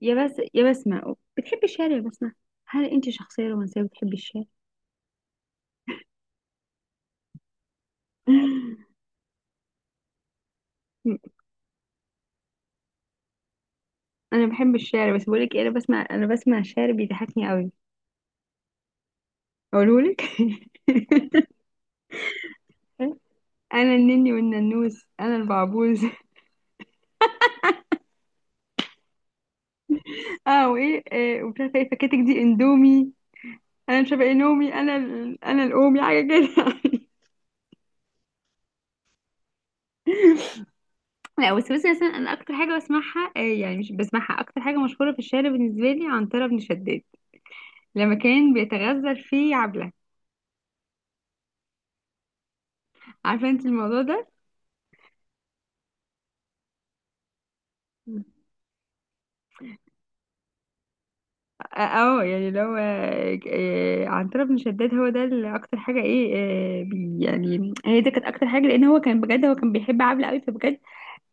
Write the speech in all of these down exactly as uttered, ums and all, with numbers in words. يا بس يا بسمة، بتحبي الشعر يا بسمة؟ هل انت شخصية رومانسية بتحبي الشعر؟ انا بحب الشعر، بس بقولك ايه، انا بسمع انا بسمع الشعر بيضحكني قوي. اقولهولك. انا النني والننوس انا البعبوز. اه، وايه؟ آه، ومش عارفه ايه فكاتك دي اندومي. انا مش عارفه ايه نومي. انا ال- انا الامي حاجه كده. لا، بس بس مثلا انا اكتر حاجه بسمعها، آه، يعني مش بسمعها. اكتر حاجه مشهوره في الشعر بالنسبه لي، عنتره بن شداد لما كان بيتغزل في عبله. عارفه انت الموضوع ده؟ اه، يعني لو آه، آه، عنترة بن شداد هو ده اللي اكتر حاجه ايه. آه، بي يعني هي دي كانت اكتر حاجه، لان هو كان بجد هو كان بيحب عبله قوي، فبجد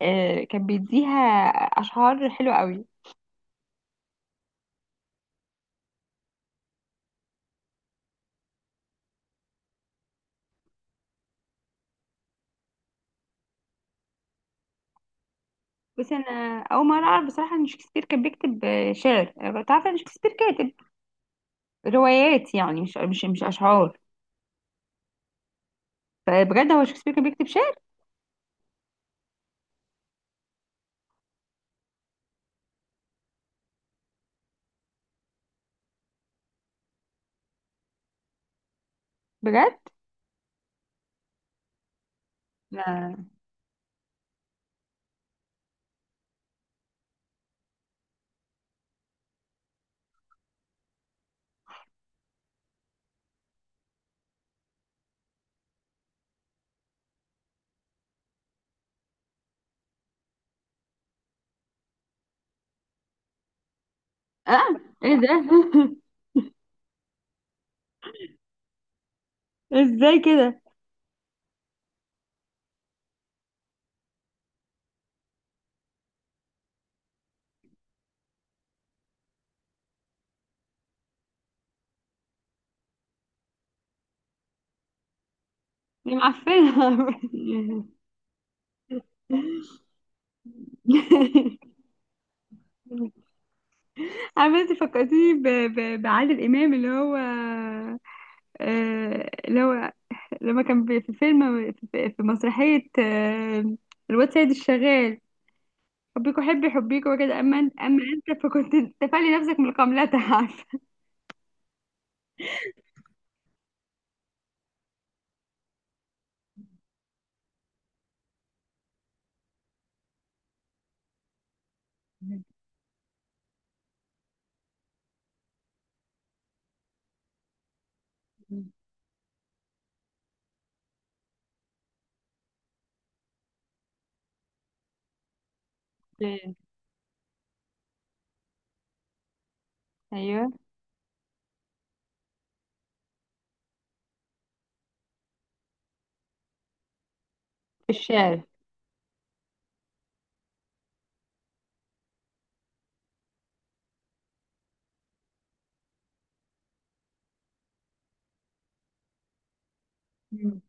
آه، كان بيديها اشعار حلوه قوي. بس انا اول مره اعرف بصراحه ان شكسبير كان بيكتب آه، شعر. أنا كنت عارفه ان شكسبير كاتب روايات، يعني مش مش مش اشعار. فبجد هو شكسبير كان بيكتب شعر؟ بجد؟ لا، اه، ايه ده؟ ازاي كده؟ دي معفنه! عارفه انت فكرتيني ب... ب... بعادل امام، اللي هو آه، اللي هو لما كان بي- في فيلم في في مسرحيه، آه، الواد سيد الشغال. حبيكوا، حبي حبيكوا وكده. اما انت اما انت فكنت تفلي نفسك من القملة. عارفه؟ مم. ايوه، في الشارع. مم.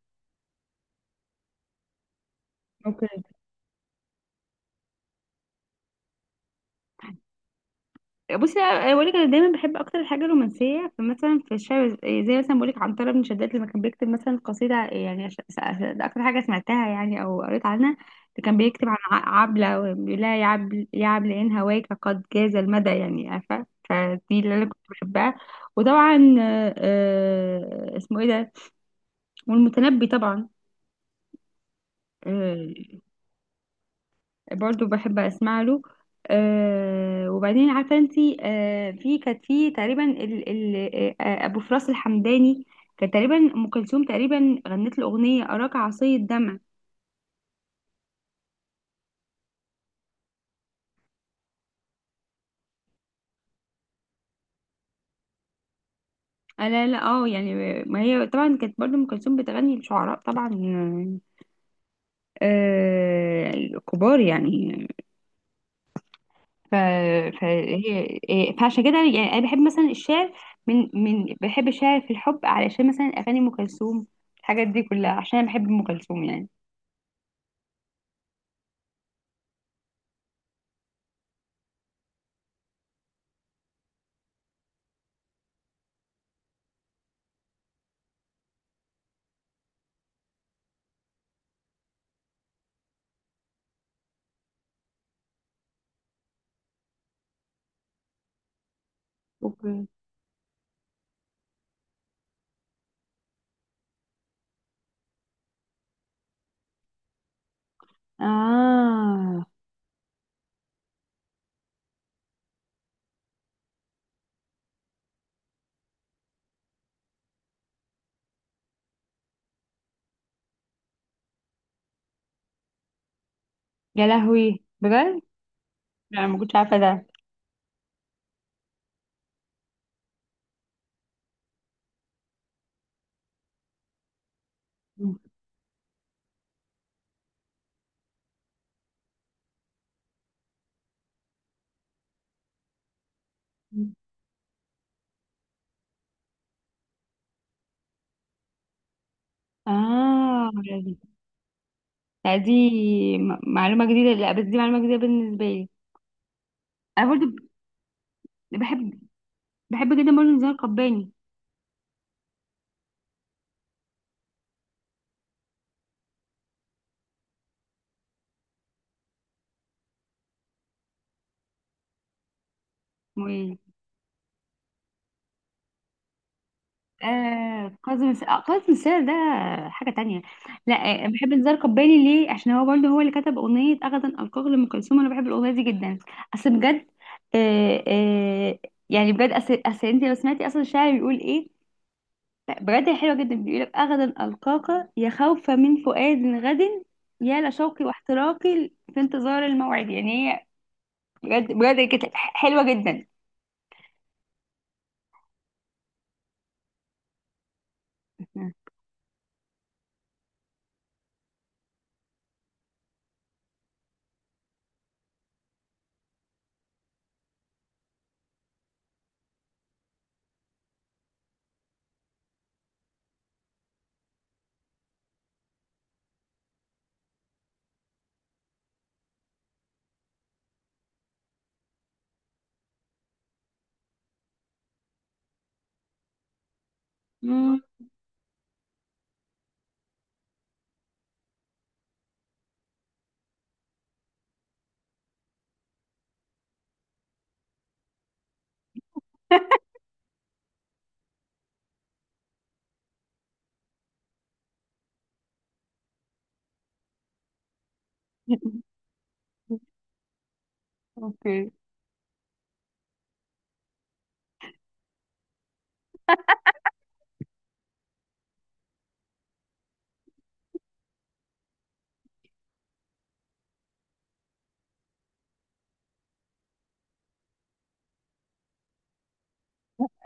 اوكي. بصي، أنا بقولك، انا دايما بحب اكتر الحاجه الرومانسيه. فمثلا في الشعر، زي مثلا بقولك عنتره بن شداد لما كان بيكتب مثلا قصيده، يعني عش- س- س- ده اكتر حاجه سمعتها يعني، او قريت عنها. ده كان بيكتب عن ع- عبله، وبيقول لها: يا عبل يا عبل، ان هواك قد جاز المدى. يعني عارفه؟ فدي اللي انا كنت بحبها. وطبعا آه، آه، اسمه ايه ده، والمتنبي طبعا. آه، برضو بحب اسمع له. أه وبعدين عارفه انتي، أه في كانت في تقريبا ال ال آه، ابو فراس الحمداني. كان تقريبا ام كلثوم تقريبا غنت له اغنيه اراك عصي الدمع. آه لا، لا، اه يعني. ما هي طبعا كانت برضو ام كلثوم بتغني لشعراء طبعا، أه كبار يعني. ف فهي إيه، فعشان كده يعني انا بحب مثلا الشعر. من من بحب الشعر في الحب، علشان مثلا اغاني ام كلثوم، الحاجات دي كلها، عشان انا بحب ام كلثوم يعني. اوكي. اه يا لهوي، بجد؟ لا، ما كنتش عارفه ده. اه، لا دي م- معلومه جديده. لا بس دي معلومه جديده بالنسبه لي. انا برضه ب- بحب بحب جدا برضه نزار قباني. اسمه ايه؟ آه كاظم الس- آه، كاظم الساهر ده حاجه تانية. لا آه، بحب نزار قباني ليه؟ عشان هو برضه هو اللي كتب اغنيه اغدا القاك لام كلثوم. انا بحب الاغنيه دي جدا. اصل بجد، آه آه يعني بجد اصل اصل انت لو سمعتي اصلا الشاعر بيقول ايه. لا بجد، هي حلوة جدا. بيقولك: أغدا ألقاك، يا خوفا من فؤاد غد، يا لشوقي واحتراقي في انتظار الموعد. يعني هي بجد بجد كانت حلوة جدا. مم. اوكي.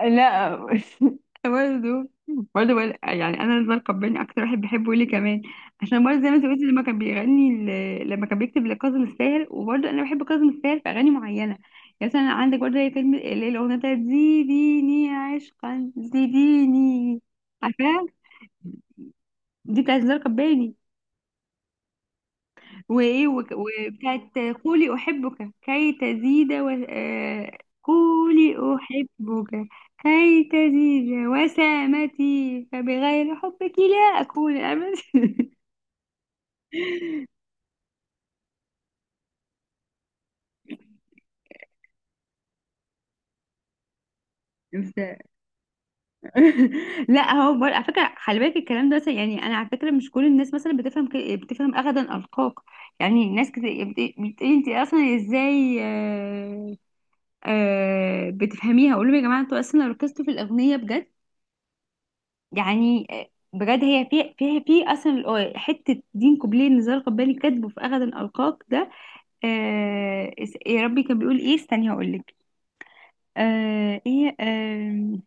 لا. برضه برضه بقول- يعني انا رضا القباني اكتر واحد بحبه ليه كمان. عشان برضه زي ما انت قلت، لما كان بيغني ل- لما كان بيكتب لكاظم الساهر. وبرضه انا بحب كاظم الساهر في اغاني معينه. يعني مثلا عندك برضه زي فيلم اللي هي الاغنيه بتاعت زيديني عشقا زيديني. عارفاها؟ دي بتاعت رضا القباني. وايه، وك- وبتاعت قولي احبك كي تزيد و... آه، قولي احبك كي تزيد وسامتي، فبغير حبك لا اكون ابدا. ف- لا، هو بر... على فكره خلي بالك الكلام ده مثلا، يعني انا على فكره مش كل الناس مثلا بتفهم ك... بتفهم اغدا القاك. يعني ناس كتير بت... بتقولي انت اصلا ازاي آه... آه... بتفهميها. اقول لهم: يا جماعه انتوا اصلا لو ركزتوا في الاغنيه بجد. يعني بجد هي في فيها في اصلا الأو- حته دين كوبليه اللي زال قبالي كاتبه في اغد القاك ده. آه اس- يا ربي، كان بيقول ايه؟ استني هقول لك. آه ايه آه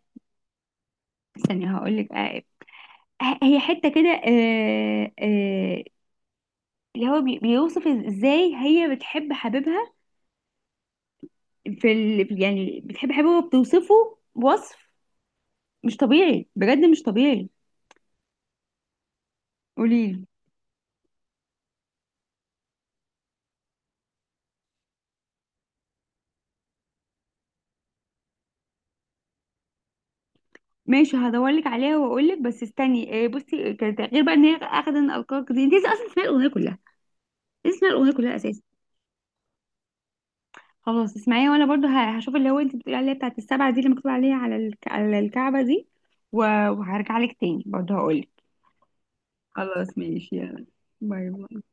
استني هقول لك. آه ه- هي حته كده، آه آه اللي هو بي- بيوصف ازاي هي بتحب حبيبها. في ال... يعني بتحب حبيبها وبتوصفه وصف مش طبيعي، بجد مش طبيعي. قوليلي. ماشي، هدورلك عليها واقولك. بس استني إيه؟ بصي، كانت- غير بقى ان هي اخدة ان القاك دي، انت لسه اصلا اسمعي الاغنيه كلها، لسه اسمعي الاغنيه كلها اساسا. خلاص اسمعيها، وانا برضو ه- هشوف اللي هو انت بتقولي عليها بتاعت السبعه دي اللي مكتوب عليها على الك... على الكعبه دي. و- وهرجع لك تاني برضو هقولك. خلاص ماشي، يلا باي باي.